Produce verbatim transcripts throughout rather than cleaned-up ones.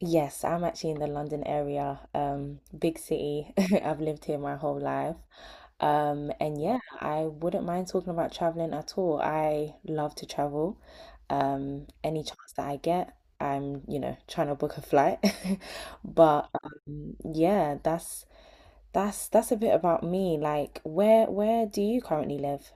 Yes, I'm actually in the London area, um, big city. I've lived here my whole life. Um, and yeah, I wouldn't mind talking about traveling at all. I love to travel. Um, any chance that I get, I'm, you know, trying to book a flight. But um, yeah, that's that's that's a bit about me. Like, where where do you currently live?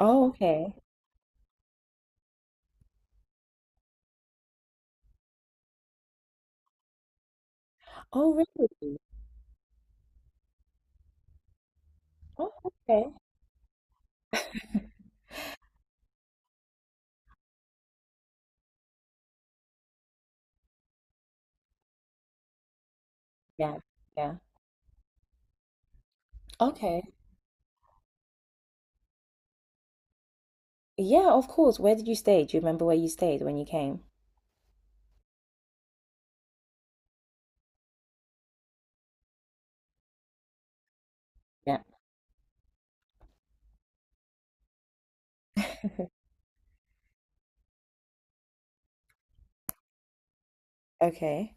Oh, okay. Oh, really? Oh, okay. Yeah, yeah. Okay. Yeah, of course. Where did you stay? Do you remember where you stayed when you came? Yeah. Okay.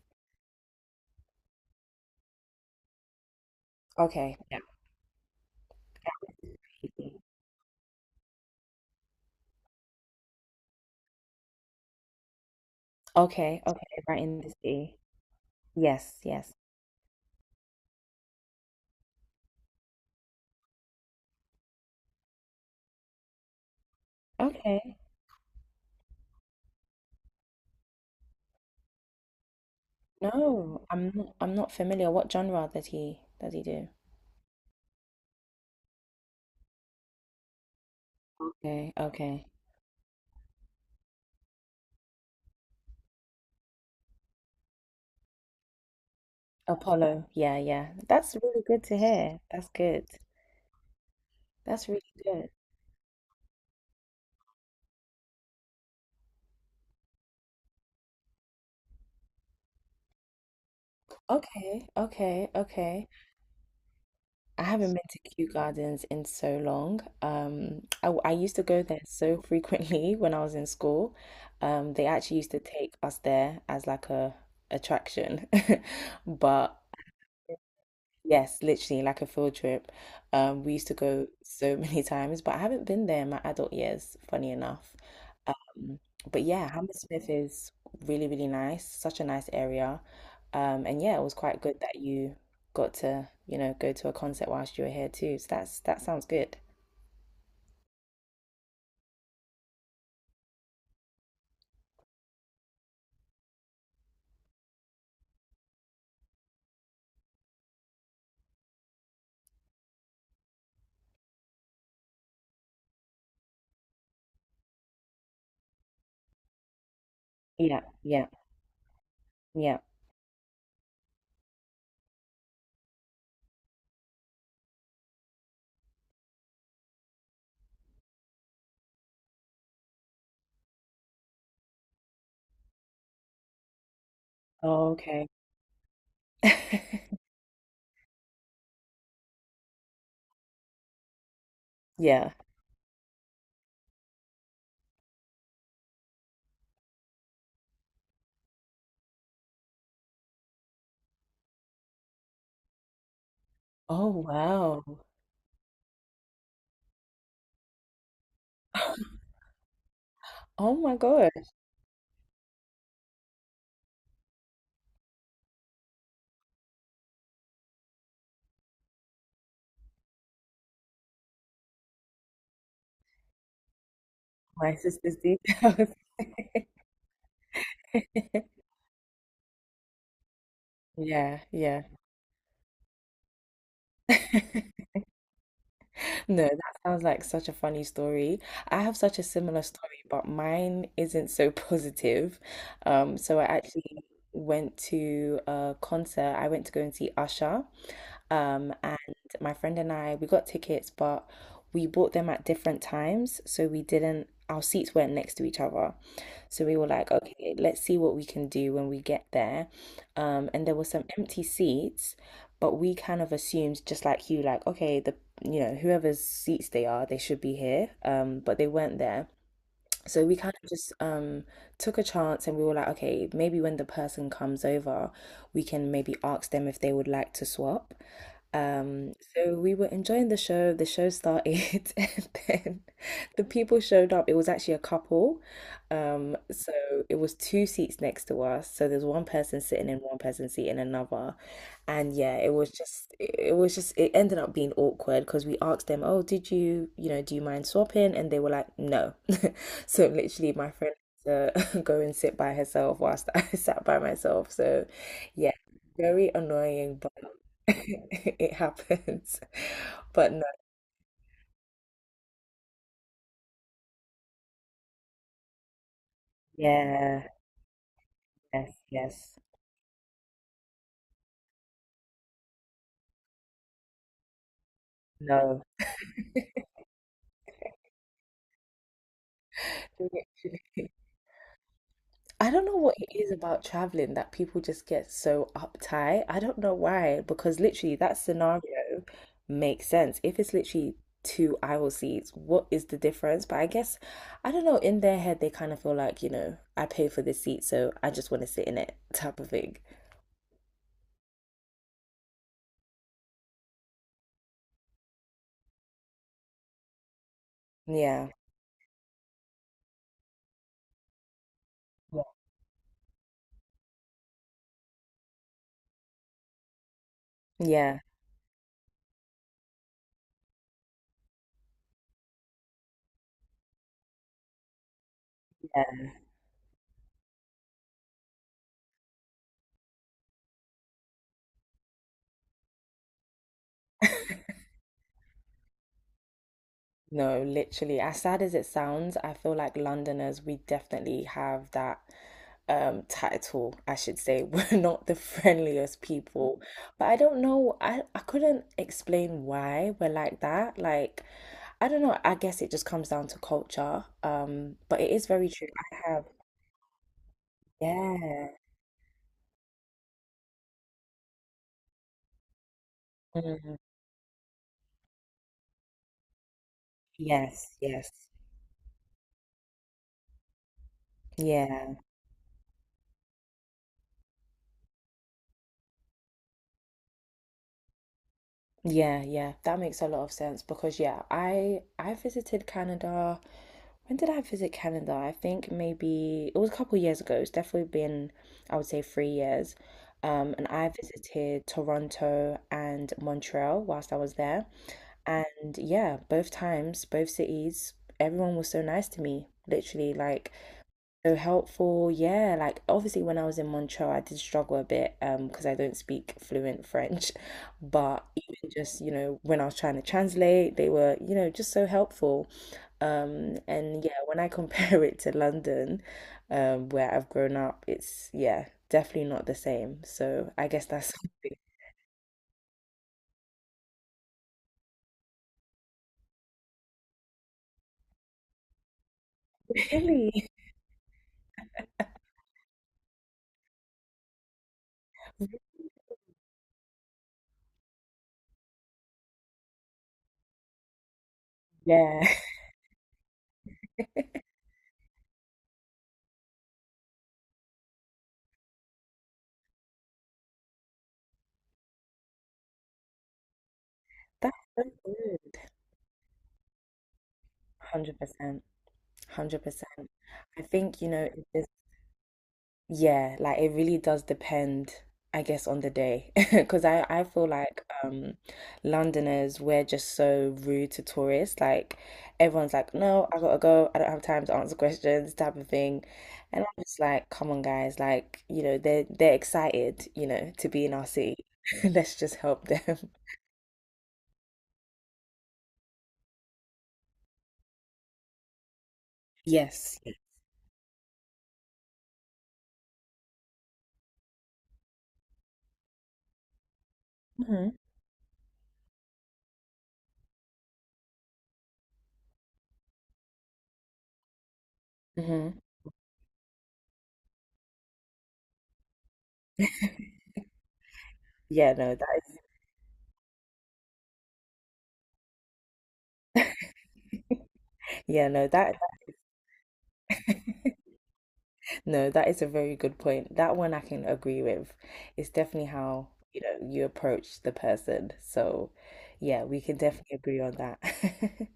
Okay. Yeah. Okay. Okay. Right in the city. Yes. Yes. Okay. No, I'm not, I'm not familiar. What genre did he did he do? Okay. Okay. Apollo. Yeah. Yeah. That's really good to hear. That's good. That's really good. Okay. Okay. Okay. I haven't been to Kew Gardens in so long. Um, I, I used to go there so frequently when I was in school. Um, they actually used to take us there as like a attraction. But yes, literally like a field trip. Um, we used to go so many times, but I haven't been there in my adult years, funny enough. Um, but yeah, Hammersmith is really, really nice, such a nice area. Um, and yeah, it was quite good that you got to, you know, go to a concert whilst you were here too. So that's that sounds good. Yeah, yeah, yeah. Oh, okay. Yeah. Oh, wow. Oh my God. My sister's deep house. Yeah, yeah. No, that sounds like such a funny story. I have such a similar story, but mine isn't so positive. Um, so I actually went to a concert. I went to go and see Usher. Um, and my friend and I, we got tickets, but we bought them at different times. So we didn't, Our seats weren't next to each other. So we were like, okay, let's see what we can do when we get there. Um, and there were some empty seats, but we kind of assumed, just like you, like, okay, the, you know, whoever's seats they are, they should be here, um but they weren't there. So we kind of just um took a chance, and we were like, okay, maybe when the person comes over, we can maybe ask them if they would like to swap. Um so we were enjoying the show, the show started, and then the people showed up. It was actually a couple. Um, so it was two seats next to us. So there's one person sitting in one, person seat in another. And yeah, it was just it it was just it ended up being awkward because we asked them, "Oh, did you, you know, do you mind swapping?" And they were like, "No." So literally my friend had to go and sit by herself whilst I sat by myself. So yeah, very annoying, but it happens. But no. Yeah, yes, yes. No. I don't know what it is about traveling that people just get so uptight. I don't know why, because literally that scenario makes sense. If it's literally two aisle seats, what is the difference? But I guess, I don't know, in their head, they kind of feel like, you know, I pay for this seat, so I just want to sit in it type of thing. Yeah. Yeah. Yeah. No, literally. As sad as it sounds, I feel like Londoners, we definitely have that um title, I should say. We're not the friendliest people. But I don't know, I, I couldn't explain why we're like that. Like, I don't know, I guess it just comes down to culture. Um, but it is very true. I have, yeah. Mm, yes, yes. Yeah. Yeah, yeah, that makes a lot of sense because yeah, I I visited Canada. When did I visit Canada? I think maybe it was a couple of years ago. It's definitely been, I would say, three years. Um, and I visited Toronto and Montreal whilst I was there. And yeah, both times, both cities, everyone was so nice to me. Literally, like so helpful. Yeah, like obviously when I was in Montreal, I did struggle a bit um because I don't speak fluent French, but even just, you know, when I was trying to translate, they were, you know, just so helpful. Um and yeah, when I compare it to London, um where I've grown up, it's yeah, definitely not the same. So I guess that's something. Really? Yeah. That's so good. one hundred percent. one hundred percent. I think, you know, if Yeah, like it really does depend, I guess, on the day. Because I, I feel like um, Londoners, we're just so rude to tourists. Like everyone's like, no, I gotta go. I don't have time to answer questions, type of thing. And I'm just like, come on, guys. Like, you know, they're they're excited, you know, to be in our city. Let's just help them. Yes. Hmm. Hmm. Yeah, no, that is. Yeah, no, that. No, that is a very good point. That one I can agree with. It's definitely how, you know, you approach the person. So, yeah, we can definitely agree on that.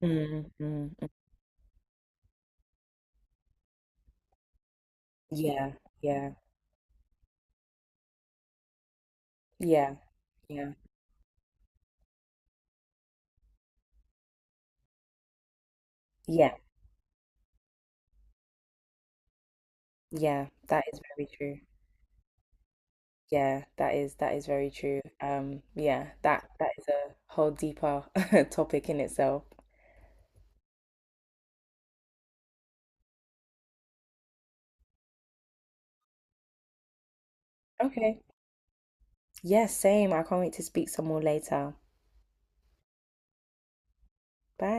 Mm, mm, mm. Yeah, yeah, yeah, yeah, yeah, yeah. That is very true. Yeah, that is that is very true. Um, yeah, that that is a whole deeper topic in itself. Okay. Yeah, same. I can't wait to speak some more later. Bye.